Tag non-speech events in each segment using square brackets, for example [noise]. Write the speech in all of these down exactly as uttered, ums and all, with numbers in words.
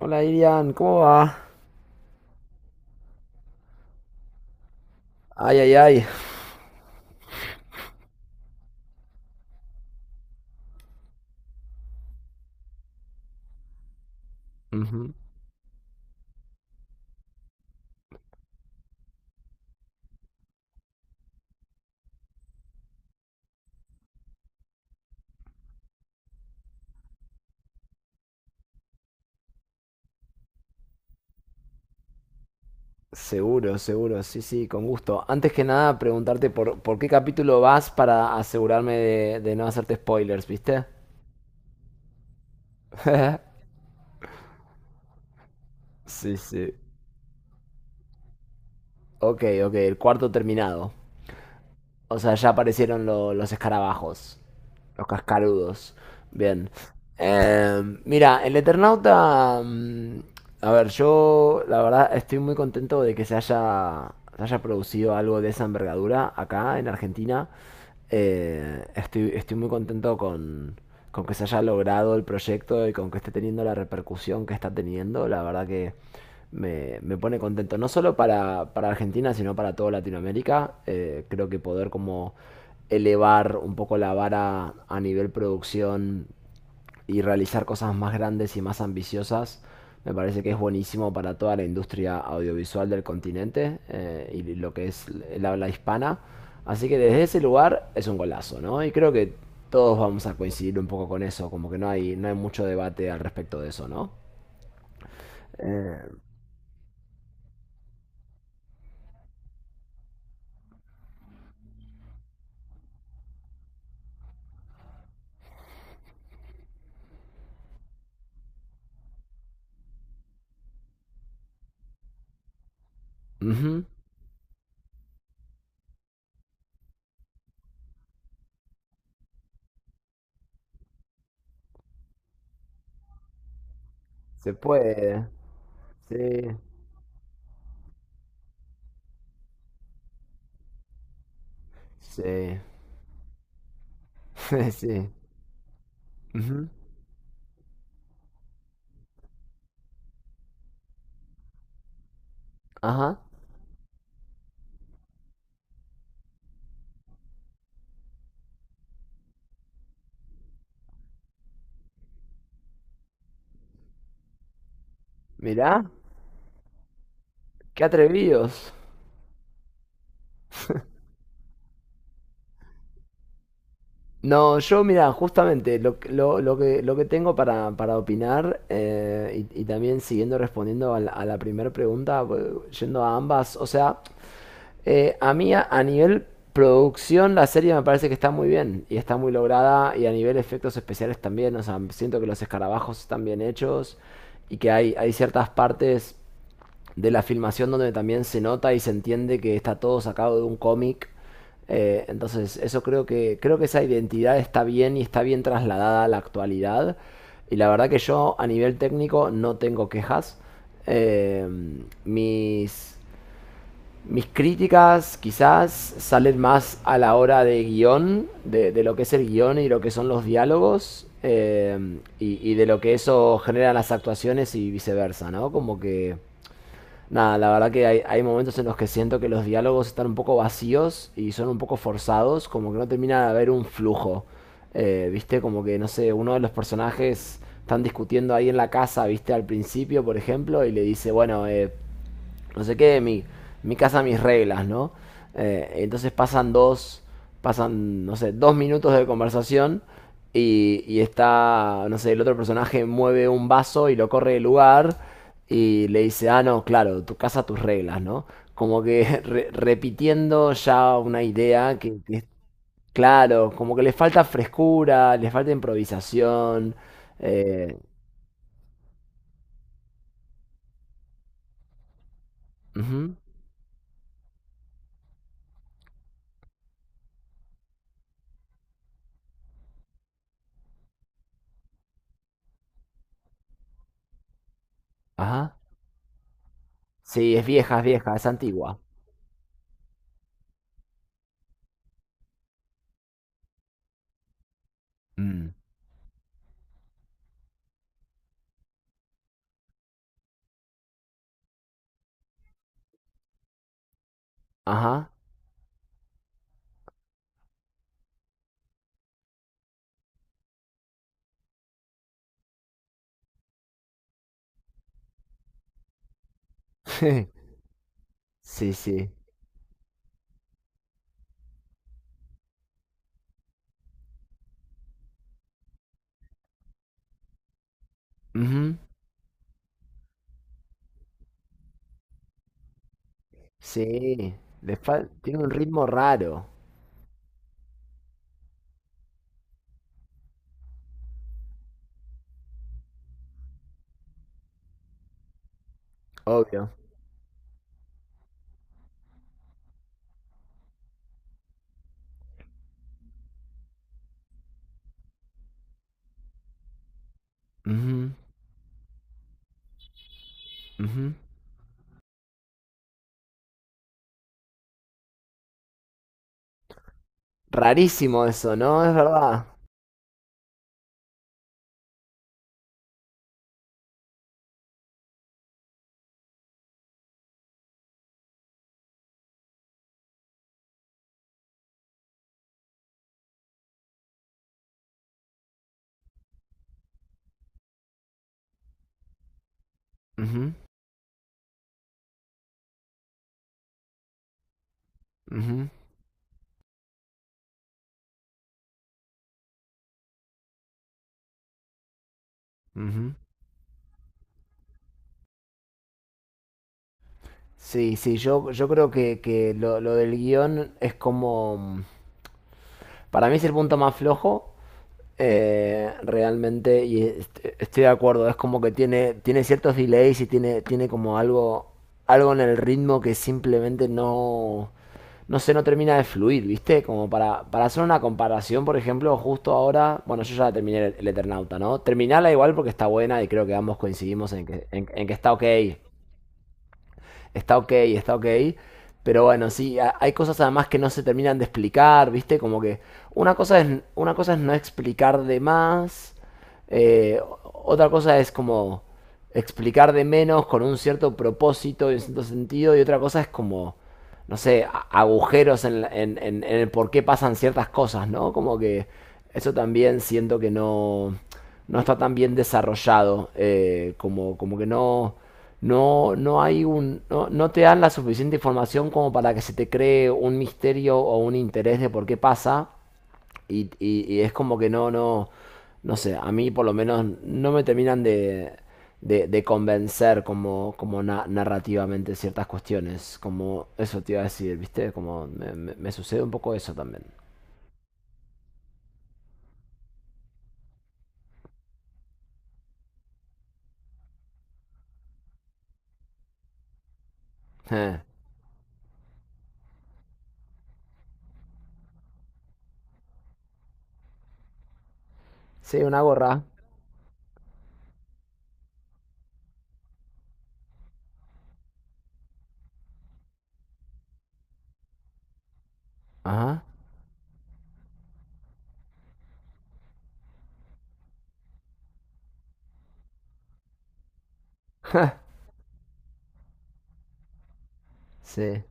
Hola Irian, ¿cómo va? Ay, ay, ay. Seguro, seguro, sí, sí, con gusto. Antes que nada, preguntarte por, por qué capítulo vas para asegurarme de, de no hacerte spoilers, ¿viste? [laughs] Sí, sí. Ok, ok, el cuarto terminado. O sea, ya aparecieron lo- los escarabajos. Los cascarudos. Bien. Eh, mira, el Eternauta. mm, A ver, yo la verdad estoy muy contento de que se haya, se haya producido algo de esa envergadura acá en Argentina. Eh, estoy, estoy muy contento con, con que se haya logrado el proyecto y con que esté teniendo la repercusión que está teniendo. La verdad que me, me pone contento, no solo para, para Argentina, sino para toda Latinoamérica. Eh, creo que poder como elevar un poco la vara a nivel producción y realizar cosas más grandes y más ambiciosas, me parece que es buenísimo para toda la industria audiovisual del continente eh, y lo que es el habla hispana. Así que desde ese lugar es un golazo, ¿no? Y creo que todos vamos a coincidir un poco con eso, como que no hay, no hay mucho debate al respecto de eso, ¿no? Eh, ujú. Se puede. Sí, sí, [laughs] sí. Ujú. Ajá. Mirá. Qué atrevidos. No, yo mira, justamente lo, que- lo, lo que, lo que tengo para, para opinar eh, y, y también siguiendo respondiendo a la, a la primera pregunta, eh, yendo a ambas, o sea, eh, a mí a, a nivel producción la serie me parece que está muy bien y está muy lograda y a nivel efectos especiales también, o sea, siento que los escarabajos están bien hechos y que hay, hay ciertas partes de la filmación donde también se nota y se entiende que está todo sacado de un cómic. Eh, entonces, eso creo que, creo que esa identidad está bien y está bien trasladada a la actualidad. Y la verdad que yo a nivel técnico no tengo quejas. Eh, mis, mis críticas quizás salen más a la hora de guión, de, de lo que es el guión y lo que son los diálogos, eh, y, y de lo que eso genera en las actuaciones y viceversa, ¿no? Como que nada, la verdad que hay, hay momentos en los que siento que los diálogos están un poco vacíos y son un poco forzados, como que no termina de haber un flujo. Eh, ¿viste? Como que, no sé, uno de los personajes están discutiendo ahí en la casa, ¿viste? Al principio, por ejemplo, y le dice, bueno, eh, no sé qué, mi, mi casa, mis reglas, ¿no? Eh, entonces pasan dos, pasan, no sé, dos minutos de conversación y, y está, no sé, el otro personaje mueve un vaso y lo corre del lugar y le dice, ah, no, claro, tu casa, tus reglas, ¿no? Como que [laughs] re- repitiendo ya una idea que, que es claro, como que le falta frescura, le falta improvisación. eh, ujú, ajá. Sí, es vieja, es vieja, es antigua. Mm. Ajá. [laughs] Sí, sí. Ujú, sí. Le fal- Tiene un ritmo raro, obvio. Ujú, ujú, rarísimo eso, ¿no? Es verdad. Ujú, ujú, ujú. Sí, sí, yo, yo creo que, que lo, lo del guión es como... mm, Para mí es el punto más flojo. eh, realmente, y est- estoy de acuerdo, es como que tiene, tiene ciertos delays y tiene, tiene como algo, algo en el ritmo que simplemente no, no sé, no termina de fluir, ¿viste? Como para, para hacer una comparación, por ejemplo, justo ahora, bueno, yo ya terminé el, el Eternauta, ¿no? Terminala igual porque está buena y creo que ambos coincidimos en que, en en que está ok, está ok, está ok. Pero bueno, sí, hay cosas además que no se terminan de explicar, ¿viste? Como que una cosa es, una cosa es no explicar de más, eh, otra cosa es como explicar de menos con un cierto propósito y un cierto sentido, y otra cosa es como, no sé, a- agujeros en, la- en- en- en el por qué pasan ciertas cosas, ¿no? Como que eso también siento que no no está tan bien desarrollado, eh, como, como que no, no, no hay un, no, no te dan la suficiente información como para que se te cree un misterio o un interés de por qué pasa y, y- y es como que no, no, no sé, a mí por lo menos no me terminan de, de, de convencer como, como na- narrativamente ciertas cuestiones, como eso te iba a decir, ¿viste? Como me, me- me sucede un poco eso también. [laughs] Eh, sí, una gorra. Ajá. [laughs] Sí.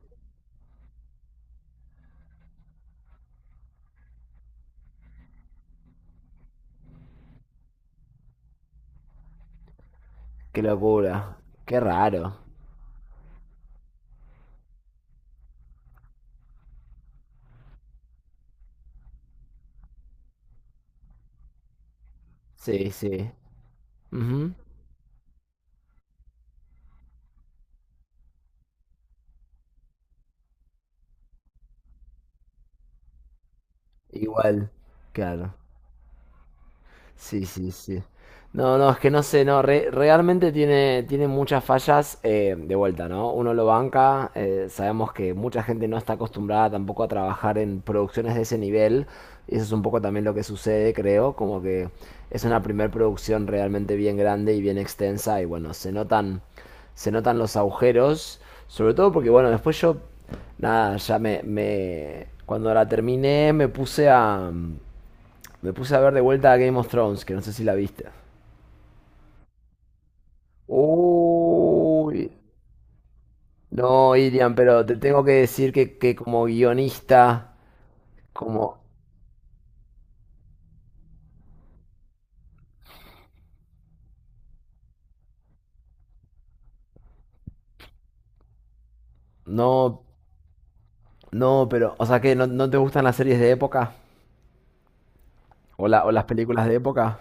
Qué locura. Qué raro. Sí, sí. Ujú. Igual. Claro. Sí, sí, sí. No, no, es que no sé, no, re- realmente tiene, tiene muchas fallas eh, de vuelta, ¿no? Uno lo banca, eh, sabemos que mucha gente no está acostumbrada tampoco a trabajar en producciones de ese nivel, y eso es un poco también lo que sucede, creo, como que es una primer producción realmente bien grande y bien extensa, y bueno, se notan, se notan los agujeros, sobre todo porque, bueno, después yo, nada, ya me, me, cuando la terminé me puse a... Me puse a ver de vuelta a Game of Thrones, que no sé si la viste. Uy. No, Irian, pero te tengo que decir que, que como guionista, como... No, no, pero... O sea, que no, no te gustan las series de época o, la- o las películas de época.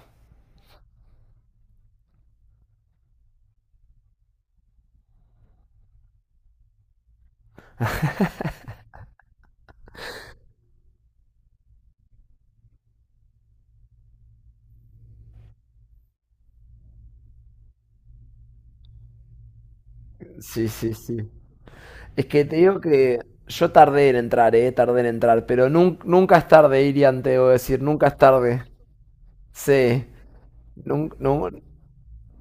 Sí, sí, sí. Es que te digo que yo tardé en entrar, eh, tardé en entrar, pero nun- nunca es tarde, Irian, te debo decir, nunca es tarde. Sí, nun- nun-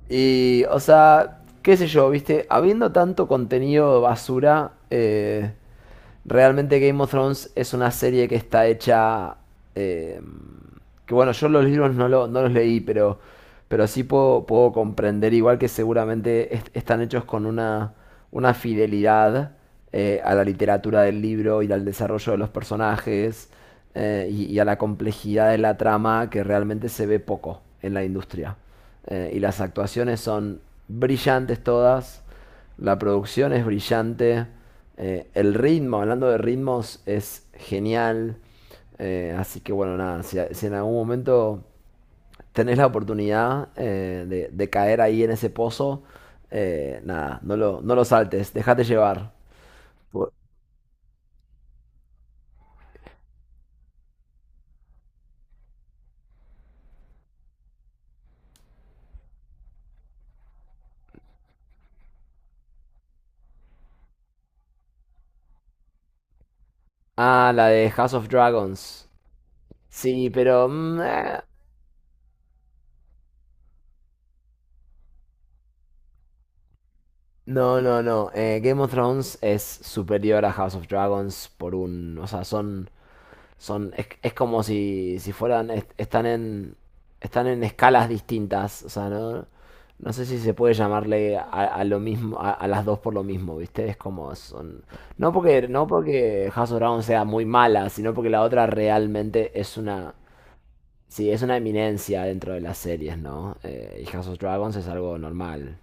y, o sea, qué sé yo, viste, habiendo tanto contenido basura, eh, realmente Game of Thrones es una serie que está hecha... eh, que bueno, yo los libros no, lo- no los leí, pero, pero sí puedo, puedo comprender, igual que seguramente est- están hechos con una, una fidelidad eh, a la literatura del libro y al desarrollo de los personajes eh, y, y a la complejidad de la trama que realmente se ve poco en la industria. Eh, y las actuaciones son brillantes todas. La producción es brillante. eh, el ritmo, hablando de ritmos, es genial. eh, así que bueno, nada, si, si en algún momento tenés la oportunidad eh, de, de caer ahí en ese pozo, eh, nada, no lo, no lo saltes, déjate llevar. Por- Ah, la de House of Dragons. Sí, pero... mm, eh, no, no, no. eh, Game of Thrones es superior a House of Dragons por un... O sea, son... son es, es como si, si fueran est- están en están en escalas distintas, o sea, no no sé si se puede llamarle a, a lo mismo a, a las dos por lo mismo, viste, es como son no porque no porque House of Dragon sea muy mala, sino porque la otra realmente es una, sí es una eminencia dentro de las series, no. Eh, y House of Dragons es algo normal.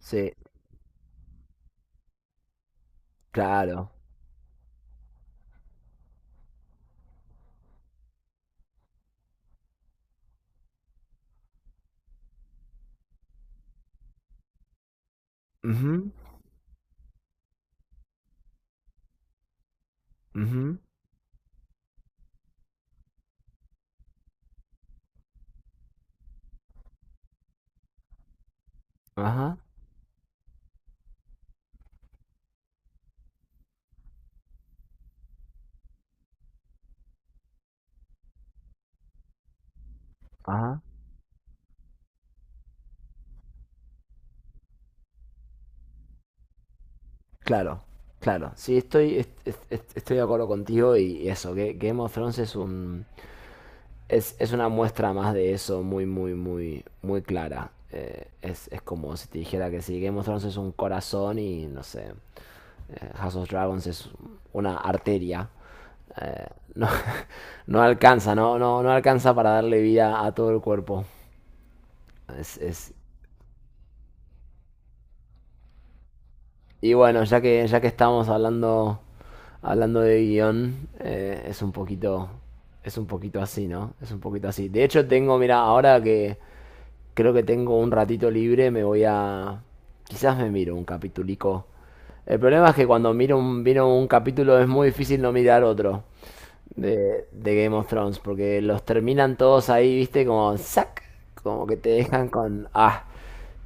Sí, claro. Ujú, ujú, ajá, ajá. Claro, claro. Sí, estoy, est- est- est- estoy de acuerdo contigo y, y eso, que que Game of Thrones es un, es, es una muestra más de eso muy, muy, muy, muy clara. Eh, es, es como si te dijera que sí, Game of Thrones es un corazón y no sé, eh, House of Dragons es una arteria. Eh, no, [laughs] no alcanza, no, no, no alcanza para darle vida a todo el cuerpo. Es, es- Y bueno, ya que, ya que estamos hablando hablando de guión, eh, es un poquito, es un poquito así, ¿no? Es un poquito así. De hecho, tengo, mira, ahora que creo que tengo un ratito libre, me voy a, quizás me miro un capitulico. El problema es que cuando miro un, miro un capítulo es muy difícil no mirar otro de, de Game of Thrones, porque los terminan todos ahí, viste, como sac, como que te dejan con, ah,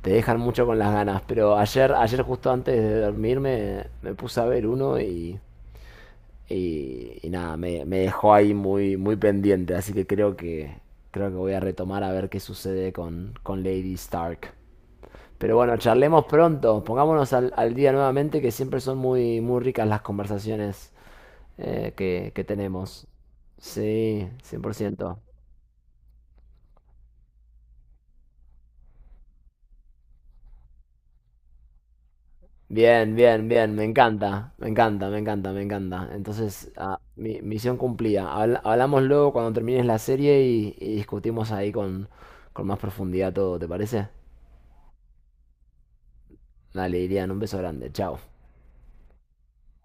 te dejan mucho con las ganas. Pero ayer, ayer justo antes de dormirme, me puse a ver uno y y, y nada, me, me dejó ahí muy, muy pendiente, así que creo que, creo que voy a retomar a ver qué sucede con, con Lady Stark. Pero bueno, charlemos pronto, pongámonos al, al día nuevamente, que siempre son muy, muy ricas las conversaciones eh, que, que tenemos. Sí, cien por ciento. Bien, bien, bien, me encanta, me encanta, me encanta, me encanta. Entonces, ah, mi misión cumplida. Habla- hablamos luego cuando termines la serie y, y discutimos ahí con, con más profundidad todo, ¿te parece? Dale, Irian, un beso grande. Chao.